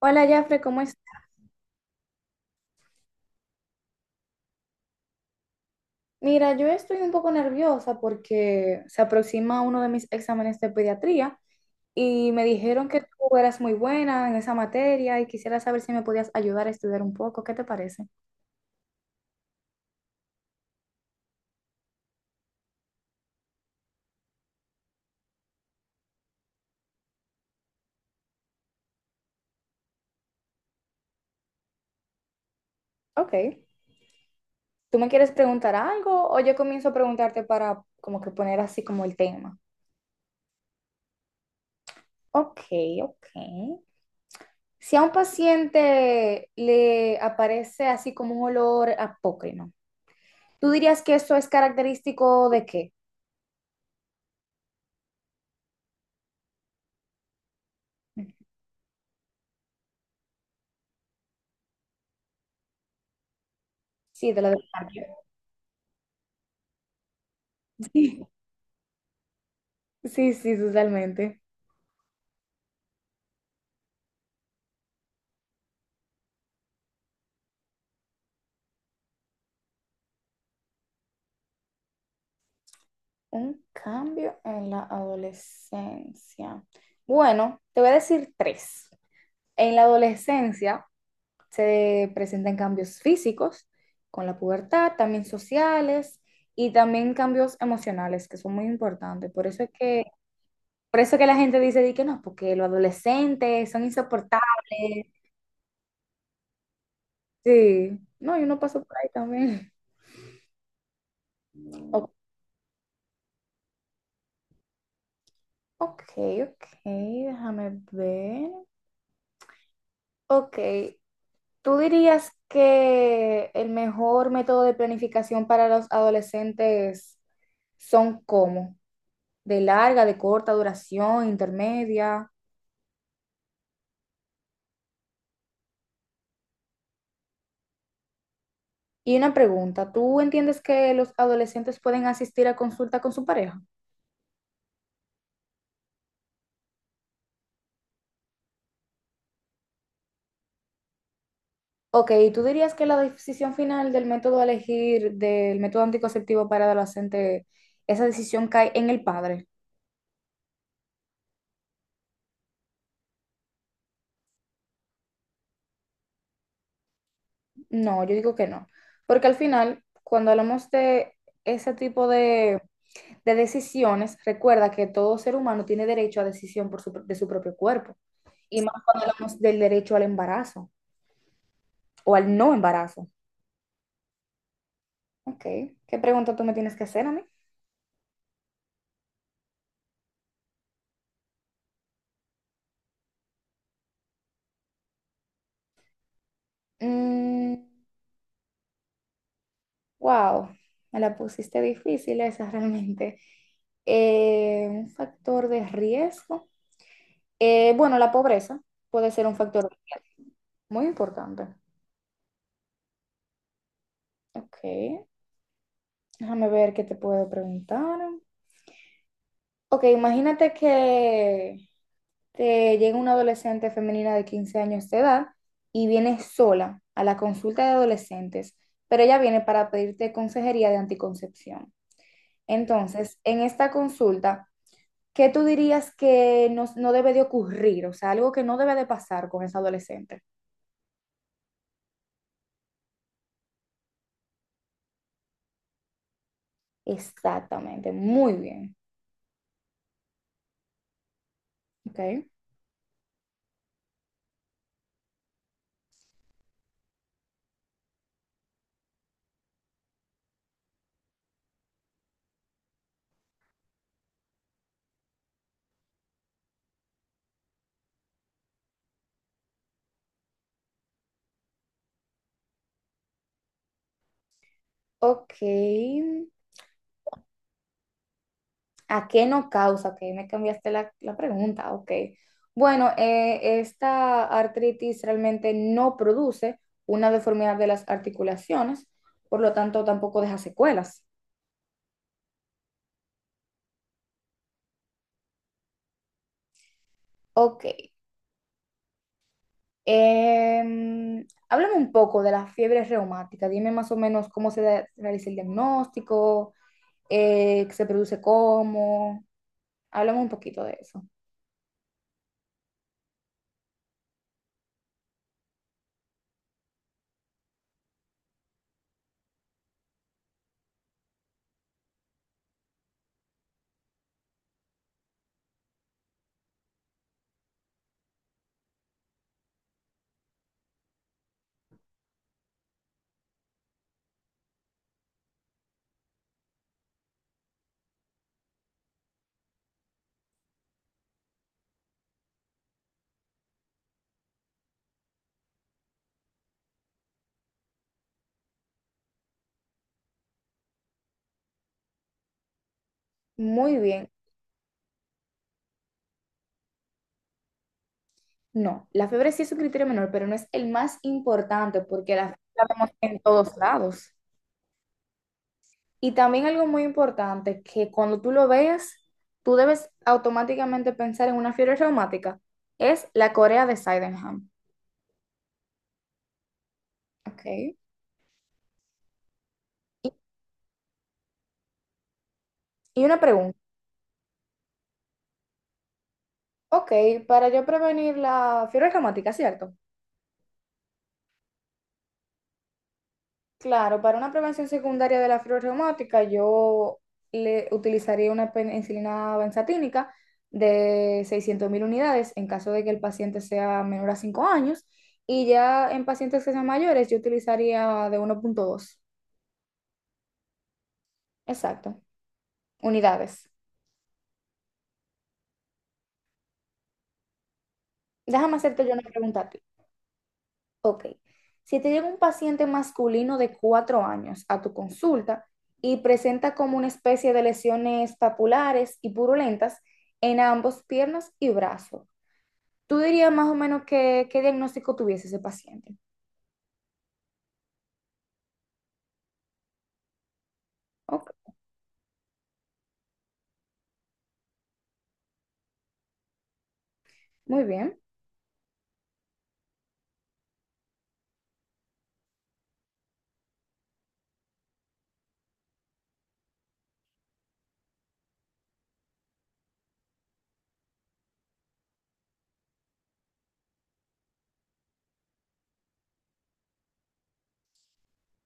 Hola, Jafre, ¿cómo estás? Mira, yo estoy un poco nerviosa porque se aproxima uno de mis exámenes de pediatría y me dijeron que tú eras muy buena en esa materia y quisiera saber si me podías ayudar a estudiar un poco. ¿Qué te parece? Ok. ¿Tú me quieres preguntar algo o yo comienzo a preguntarte para como que poner así como el tema? Ok, ok. Si a un paciente le aparece así como un olor apócrino, ¿tú dirías que eso es característico de qué? Sí, de la descarga. Sí, sí, sí, totalmente. Un cambio en la adolescencia. Bueno, te voy a decir tres. En la adolescencia se presentan cambios físicos con la pubertad, también sociales y también cambios emocionales que son muy importantes. Por eso es que, por eso es que la gente dice di que no, porque los adolescentes son insoportables. Sí, no, yo no paso por ahí también. O- ok, ok, déjame ver. Ok, ¿tú dirías que el mejor método de planificación para los adolescentes son cómo? ¿De larga, de corta duración, intermedia? Y una pregunta, ¿tú entiendes que los adolescentes pueden asistir a consulta con su pareja? Ok, ¿tú dirías que la decisión final del método a elegir del método anticonceptivo para adolescente, esa decisión cae en el padre? No, yo digo que no, porque al final, cuando hablamos de ese tipo de decisiones, recuerda que todo ser humano tiene derecho a decisión por su, de su propio cuerpo, y más cuando hablamos del derecho al embarazo o al no embarazo. Ok, ¿qué pregunta tú me tienes que hacer a mí? Mm, wow, me la pusiste difícil esa realmente. Un factor de riesgo. Bueno, la pobreza puede ser un factor muy importante. Ok, déjame ver qué te puedo preguntar. Ok, imagínate que llega una adolescente femenina de 15 años de edad y viene sola a la consulta de adolescentes, pero ella viene para pedirte consejería de anticoncepción. Entonces, en esta consulta, ¿qué tú dirías que no, no debe de ocurrir? O sea, algo que no debe de pasar con esa adolescente. Exactamente, muy bien. Ok. Ok. ¿A qué no causa? Ok, me cambiaste la pregunta, ok. Bueno, esta artritis realmente no produce una deformidad de las articulaciones, por lo tanto tampoco deja secuelas. Ok, háblame un poco de la fiebre reumática, dime más o menos cómo realiza el diagnóstico, qué se produce cómo, háblame un poquito de eso. Muy bien. No, la fiebre sí es un criterio menor, pero no es el más importante porque la fiebre la vemos en todos lados. Y también algo muy importante, que cuando tú lo veas, tú debes automáticamente pensar en una fiebre reumática, es la corea de Sydenham. Ok. Y, y una pregunta. Ok, para yo prevenir la fiebre reumática, ¿cierto? Claro, para una prevención secundaria de la fiebre reumática, yo le utilizaría una penicilina benzatínica de 600,000 unidades en caso de que el paciente sea menor a 5 años. Y ya en pacientes que sean mayores, yo utilizaría de 1.2. Exacto, unidades. Déjame hacerte yo una pregunta. Ok. Si te llega un paciente masculino de 4 años a tu consulta y presenta como una especie de lesiones papulares y purulentas en ambos piernas y brazos, tú dirías más o menos qué diagnóstico tuviese ese paciente. Ok, muy bien.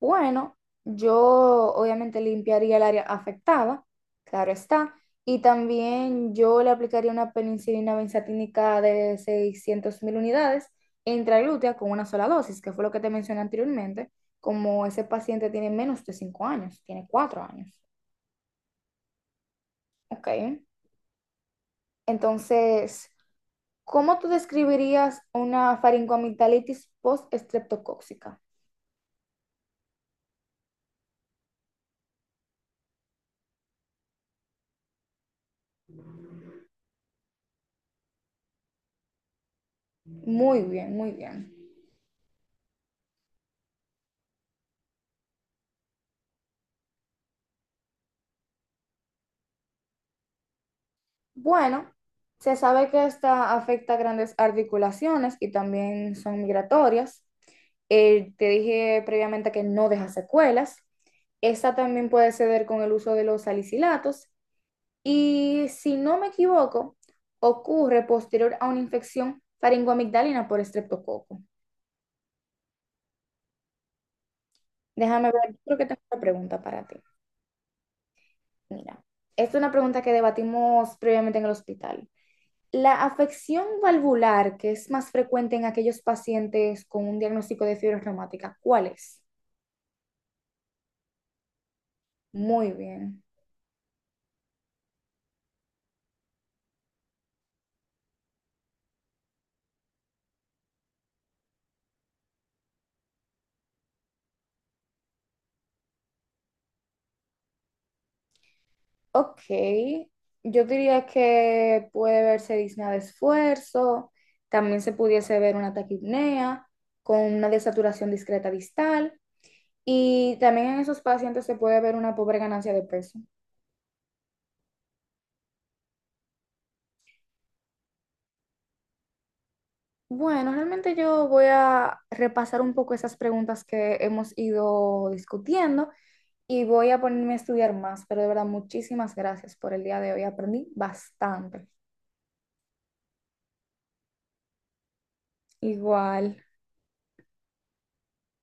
Bueno, yo obviamente limpiaría el área afectada, claro está, y también yo le aplicaría una penicilina benzatínica de 600.000 unidades intraglútea con una sola dosis, que fue lo que te mencioné anteriormente, como ese paciente tiene menos de 5 años, tiene 4 años, ¿ok? Entonces, ¿cómo tú describirías una faringoamigdalitis postestreptocóxica? Muy bien, muy bien. Bueno, se sabe que esta afecta grandes articulaciones y también son migratorias. Te dije previamente que no deja secuelas. Esta también puede ceder con el uso de los salicilatos. Y si no me equivoco, ocurre posterior a una infección faringoamigdalina por estreptococo. Déjame ver, yo creo que tengo una pregunta para ti. Mira, esta es una pregunta que debatimos previamente en el hospital. La afección valvular, que es más frecuente en aquellos pacientes con un diagnóstico de fibra reumática, ¿cuál es? Muy bien. Ok, yo diría que puede verse disnea de esfuerzo, también se pudiese ver una taquipnea con una desaturación discreta distal y también en esos pacientes se puede ver una pobre ganancia de peso. Bueno, realmente yo voy a repasar un poco esas preguntas que hemos ido discutiendo. Y voy a ponerme a estudiar más, pero de verdad, muchísimas gracias por el día de hoy. Aprendí bastante. Igual.